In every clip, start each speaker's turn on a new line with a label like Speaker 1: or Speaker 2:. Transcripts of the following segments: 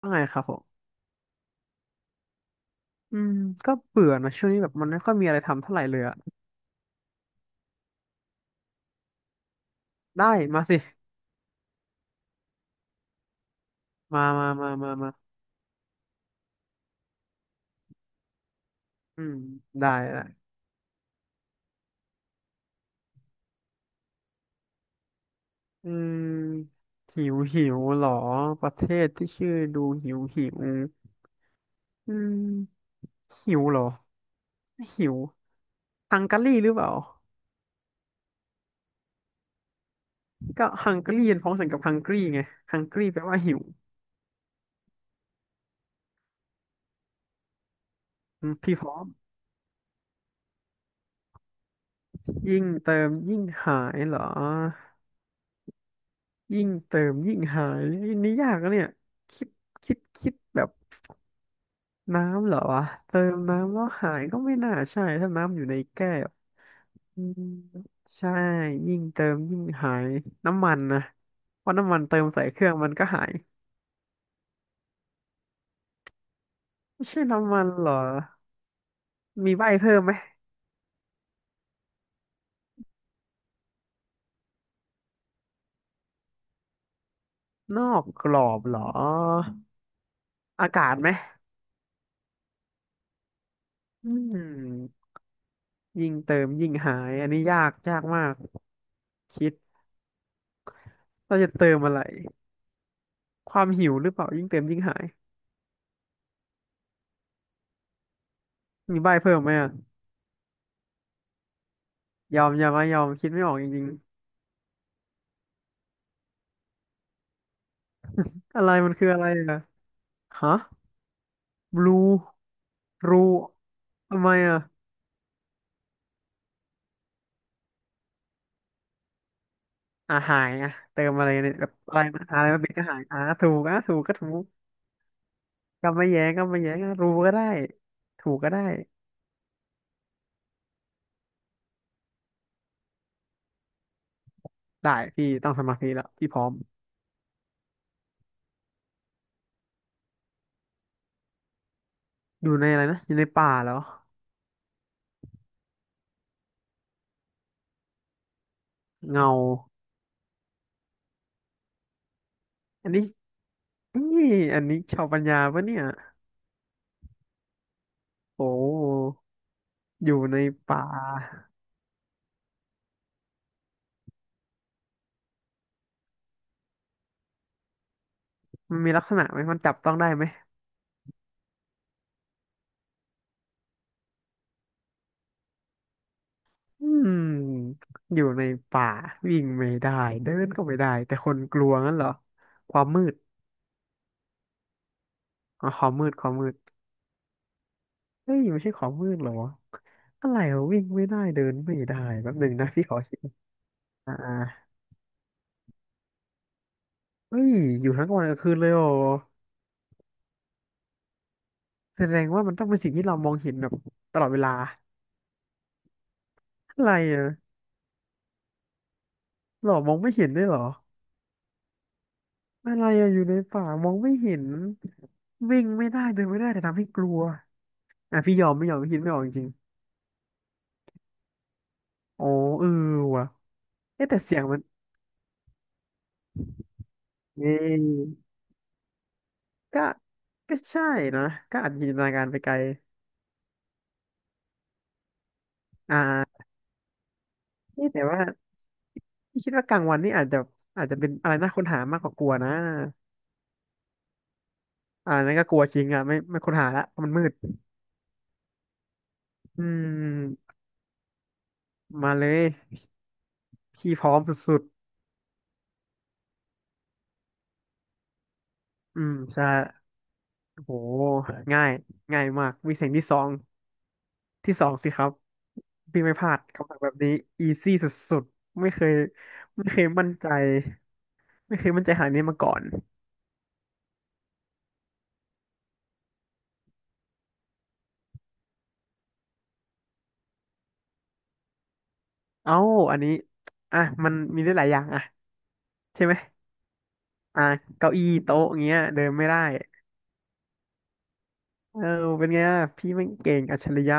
Speaker 1: ว่าไงครับผมอืมก็เบื่อนะช่วงนี้แบบมันไม่ค่อยมีอะไรทำเท่าไหร่เลยอะได้มาสิมามามามามาอืมได้ละอืมหิวหิวเหรอประเทศที่ชื่อดูหิวหิวอืมหิวเหรอหิวฮังการีหรือเปล่าก็ฮังการีเป็นพ้องเสียงกับฮังกรีไงฮังกรีแปลว่าหิวอืมพี่พร้อมยิ่งเติมยิ่งหายเหรอยิ่งเติมยิ่งหายอันนี่ยากนะเนี่ยคิดคิดแบบ น้ำเหรอวะเติมน้ำแล้วหายก็ไม่น่าใช่ถ้าน้ำอยู่ในแก้วอืมใช่ยิ่งเติมยิ่งหายน้ำมันนะเพราะน้ำมันเติมใส่เครื่องมันก็หายไม่ใช่น้ำมันเหรอมีใบเพิ่มไหมนอกกรอบเหรออากาศไหมอืมยิ่งเติมยิ่งหายอันนี้ยากยากมากคิดเราจะเติมอะไรความหิวหรือเปล่ายิ่งเติมยิ่งหายมีใบเพิ่มไหมอะยอมยอมไหมยอมคิดไม่ออกจริงๆอะไรมันคืออะไรอะ ฮะบลูรูทำไมอ่ะอ่ะหายอ่ะเติมอะไรเนี่ยแบบอะไรมาอะไรมาบิดก็หายอ่ะถูกอ่ะถูกก็ถูกก็ไม่แย้งอ่ะรูก็ได้ถูกก็ได้ได้พี่ต้องสมาธิแล้วพี่พร้อมอยู่ในอะไรนะอยู่ในป่าแล้วเงาอันนี้นี่อันนี้ชาวปัญญาปะเนี่ยโอ้อยู่ในป่ามันมีลักษณะไหมมันจับต้องได้ไหม อืมอยู่ในป่าวิ่งไม่ได้เดินก็ไม่ได้แต่คนกลัวงั้นเหรอความมืดอ๋อความมืดความมืดเฮ้ยไม่ใช่ความมืดเหรออะไรวะวิ่งไม่ได้เดินไม่ได้แป๊บหนึ่งนะพี่ขอคิดอ่าเฮ้ยอยู่ทั้งกลางวันกลางคืนเลยโอแสดงว่ามันต้องเป็นสิ่งที่เรามองเห็นแบบตลอดเวลาอะไรอะหรอมองไม่เห็นด้วยเหรออะไรอะอยู่ในป่ามองไม่เห็นวิ่งไม่ได้เดินไม่ได้แต่ทำให้กลัวอ่ะพี่ยอมไม่ยอมพี่คิดไม่ออกจริงๆอ๋อเออว่ะเอ๊ะแต่เสียงมัน นี่ก็ใช่นะก็อาจจะจินตนาการไปไกลอ่านี่แต่ว่าพี่คิดว่ากลางวันนี่อาจจะเป็นอะไรน่าค้นหามากกว่ากลัวนะอ่านั่นก็กลัวจริงอ่ะไม่ไม่ค้นหาละเพราะมันมืดอืมมาเลยพี่พร้อมสุดๆอืมใช่โหง่ายง่ายมากวิ่งเสียงที่สองที่สองสิครับพี่ไม่พลาดคำถามแบบนี้อีซี่สุดๆไม่เคยไม่เคยมั่นใจไม่เคยมั่นใจขนาดนี้มาก่อน เอ้าอันนี้ อ่ะมันมีได้หลายอย่างอ่ะใช่ไหมอ่ะเก้าอี้โต๊ะอย่างเงี้ยเดินไม่ได้เออเป็นไงอะพี่ไม่งเก่งอัจฉริยะ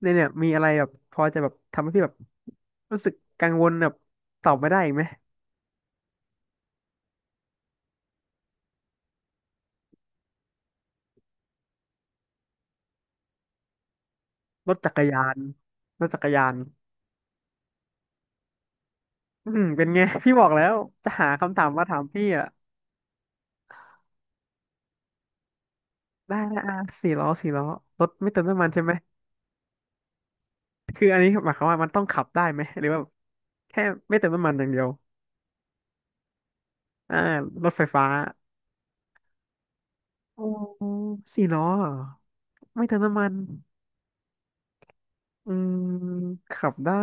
Speaker 1: เนี่ยเนี่ยมีอะไรแบบพอจะแบบทำให้พี่แบบรู้สึกกังวลแบบตอบไม่ได้อีกไหมรถจักรยานรถจักรยานอืมเป็นไงพี่บอกแล้วจะหาคำถามมาถามพี่อ่ะได้นะอ่ะสี่ล้อสี่ล้อรถไม่เติมน้ำมันใช่ไหมคืออันนี้หมายความว่ามันต้องขับได้ไหมหรือว่าแค่ไม่เติมน้ำมันอย่างเดียวอ่ารถไฟฟ้า โอ้สี่ล้อเหรอไม่เติมน้ำมันอืมขับได้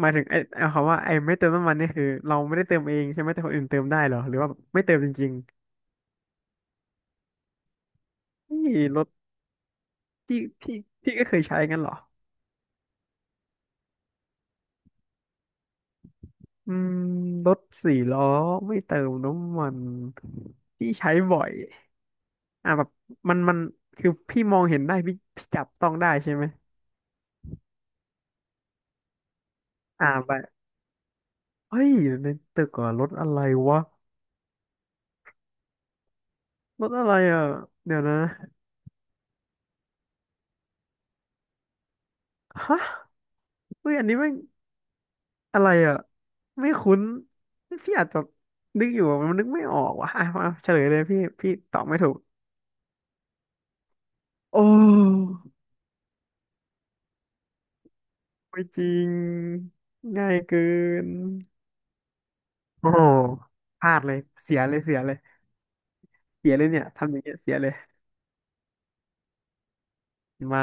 Speaker 1: หมายถึงไอ้เอาคำว่าไอ้ไม่เติมน้ำมันนี่คือเราไม่ได้เติมเองใช่ไหมแต่คนอื่นเติมได้เหรอหรือว่าไม่เติมจริงๆนี่รถที่ที่ที่ก็เคยใช้กันเหรออืมรถสี่ล้อไม่เติมน้ำมันพี่ใช้บ่อยอ่าแบบมันมันคือพี่มองเห็นได้พี่พี่จับต้องได้ใช่ไหมอ่าไปเฮ้ยอยู่ในตึกเหรอรถอะไรวะรถอะไรอ่ะเดี๋ยวนะฮะ เฮ้ยอันนี้ไม่งอะไรอ่ะไม่คุ้นพี่อาจจะนึกอยู่อะมันนึกไม่ออกว่ะอ่ะมาเฉลยเลยพี่พี่ตอบไม่ถูกโอ้ไม่จริงง่ายเกินโอ้โหพลาดเลยเสียเลยเสียเลยเนี่ยทำอย่างเงี้ยเสียเลยมา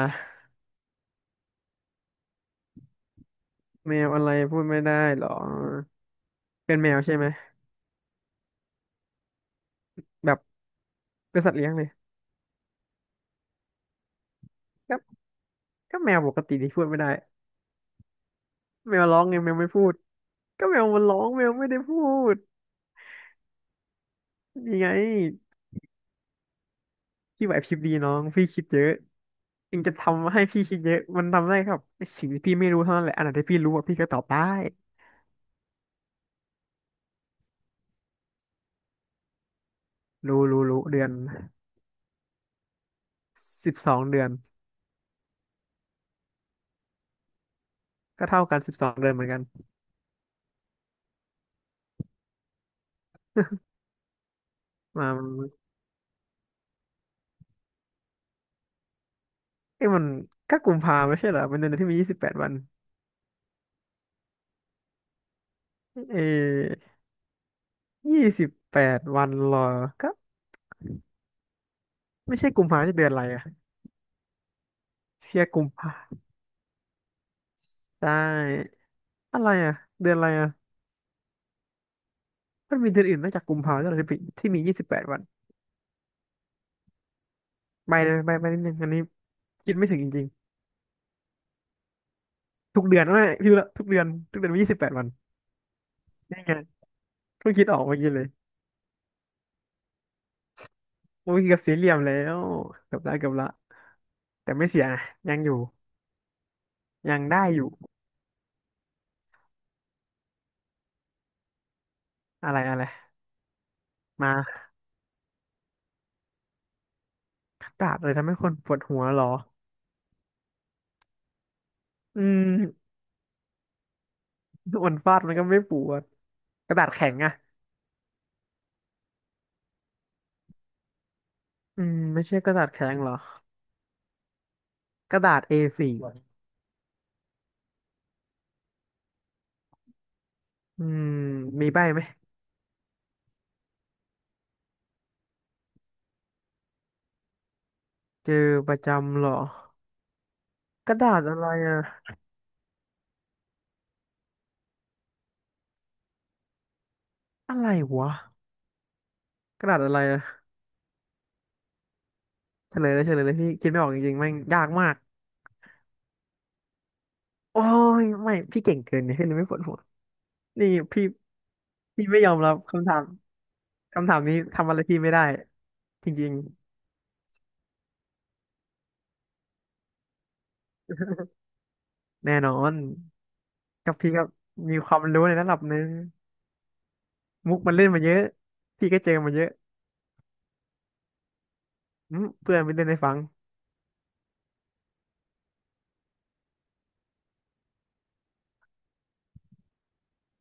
Speaker 1: แมวอะไรพูดไม่ได้หรอเป็นแมวใช่ไหมแบบเป็นสัตว์เลี้ยงเลยก็ก็แมวปกติที่พูดไม่ได้แมวร้องไงแมวไม่พูดก็แมวมันร้องแมวไม่ได้พูดยังไงพี่ไหวพริบดีน้องพี่คิดเยอะ ถึงจะทำให้พี่คิดเยอะมันทำได้ครับในสิ่งที่พี่ไม่รู้เท่านั้นแหละอันไหนที่พี่รู้อะพี่ก็ตอบได้รู้รู้เดือนสิบสองเดือนก็เท่ากัน12 เดือนเหมือนกันมาเอ้ยมันก็กุมภาไม่ใช่เหรอเป็นเดือนที่มียี่สิบแปดวันเอ28 วันเหรอก็ไม่ใช่กุมภาจะเดือนอะไรอะเพียกุมภาได้อะไรอะเดือนอะไรอะมันมีเดือนอื่นนอกจากกุมภาด้วยเหรอที่มีที่มียี่สิบแปดวันไปเลยไปไปนิดนึงอันนี้คิดไม่ถึงจริงๆทุกเดือนไม่พี่รู้ละทุกเดือนทุกเดือนมียี่สิบแปดวัน นี่ไงเพิ่งคิดออกเมื่อกี้เลยเมื่อกี้กับสี่เหลี่ยมแล้วเกือบละแต่ไม่เสียนะยังอยู่ยังได้อยู่อะไรอะไรมากระดาษเลยทำให้คนปวดหัวเหรออืมมันฟาดมันก็ไม่ปวดกระดาษแข็งอะอืมไม่ใช่กระดาษแข็งเหรอกระดาษ A4 อสี่อืมมีใบไหมเจอประจำเหรอกระดาษอะไรอะอะไรวะกระดาษอะไรอะเฉลยเลยพี่คิดไม่ออกจริงๆแม่งยากมากโอ้ยไม่พี่เก่งเกินเนี่ยพี่เลยไม่ปวดหัวนี่พี่ พี่ไม่ยอมรับคำถามคำถามนี้ทำอะไรพี่ไม่ได้จริงๆแน่นอนกับพี่ก็มีความรู้ในระดับหนึ่งมุกมันเล่นมาเยอะพี่ก็เจอมาเยอะอืมเพื่อนไม่เล่นให้ฟัง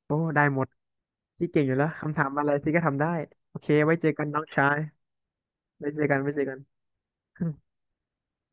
Speaker 1: โอ้ได้หมดพี่เก่งอยู่แล้วคำถามอะไรพี่ก็ทำได้โอเคไว้เจอกันน้องชายไว้เจอกันน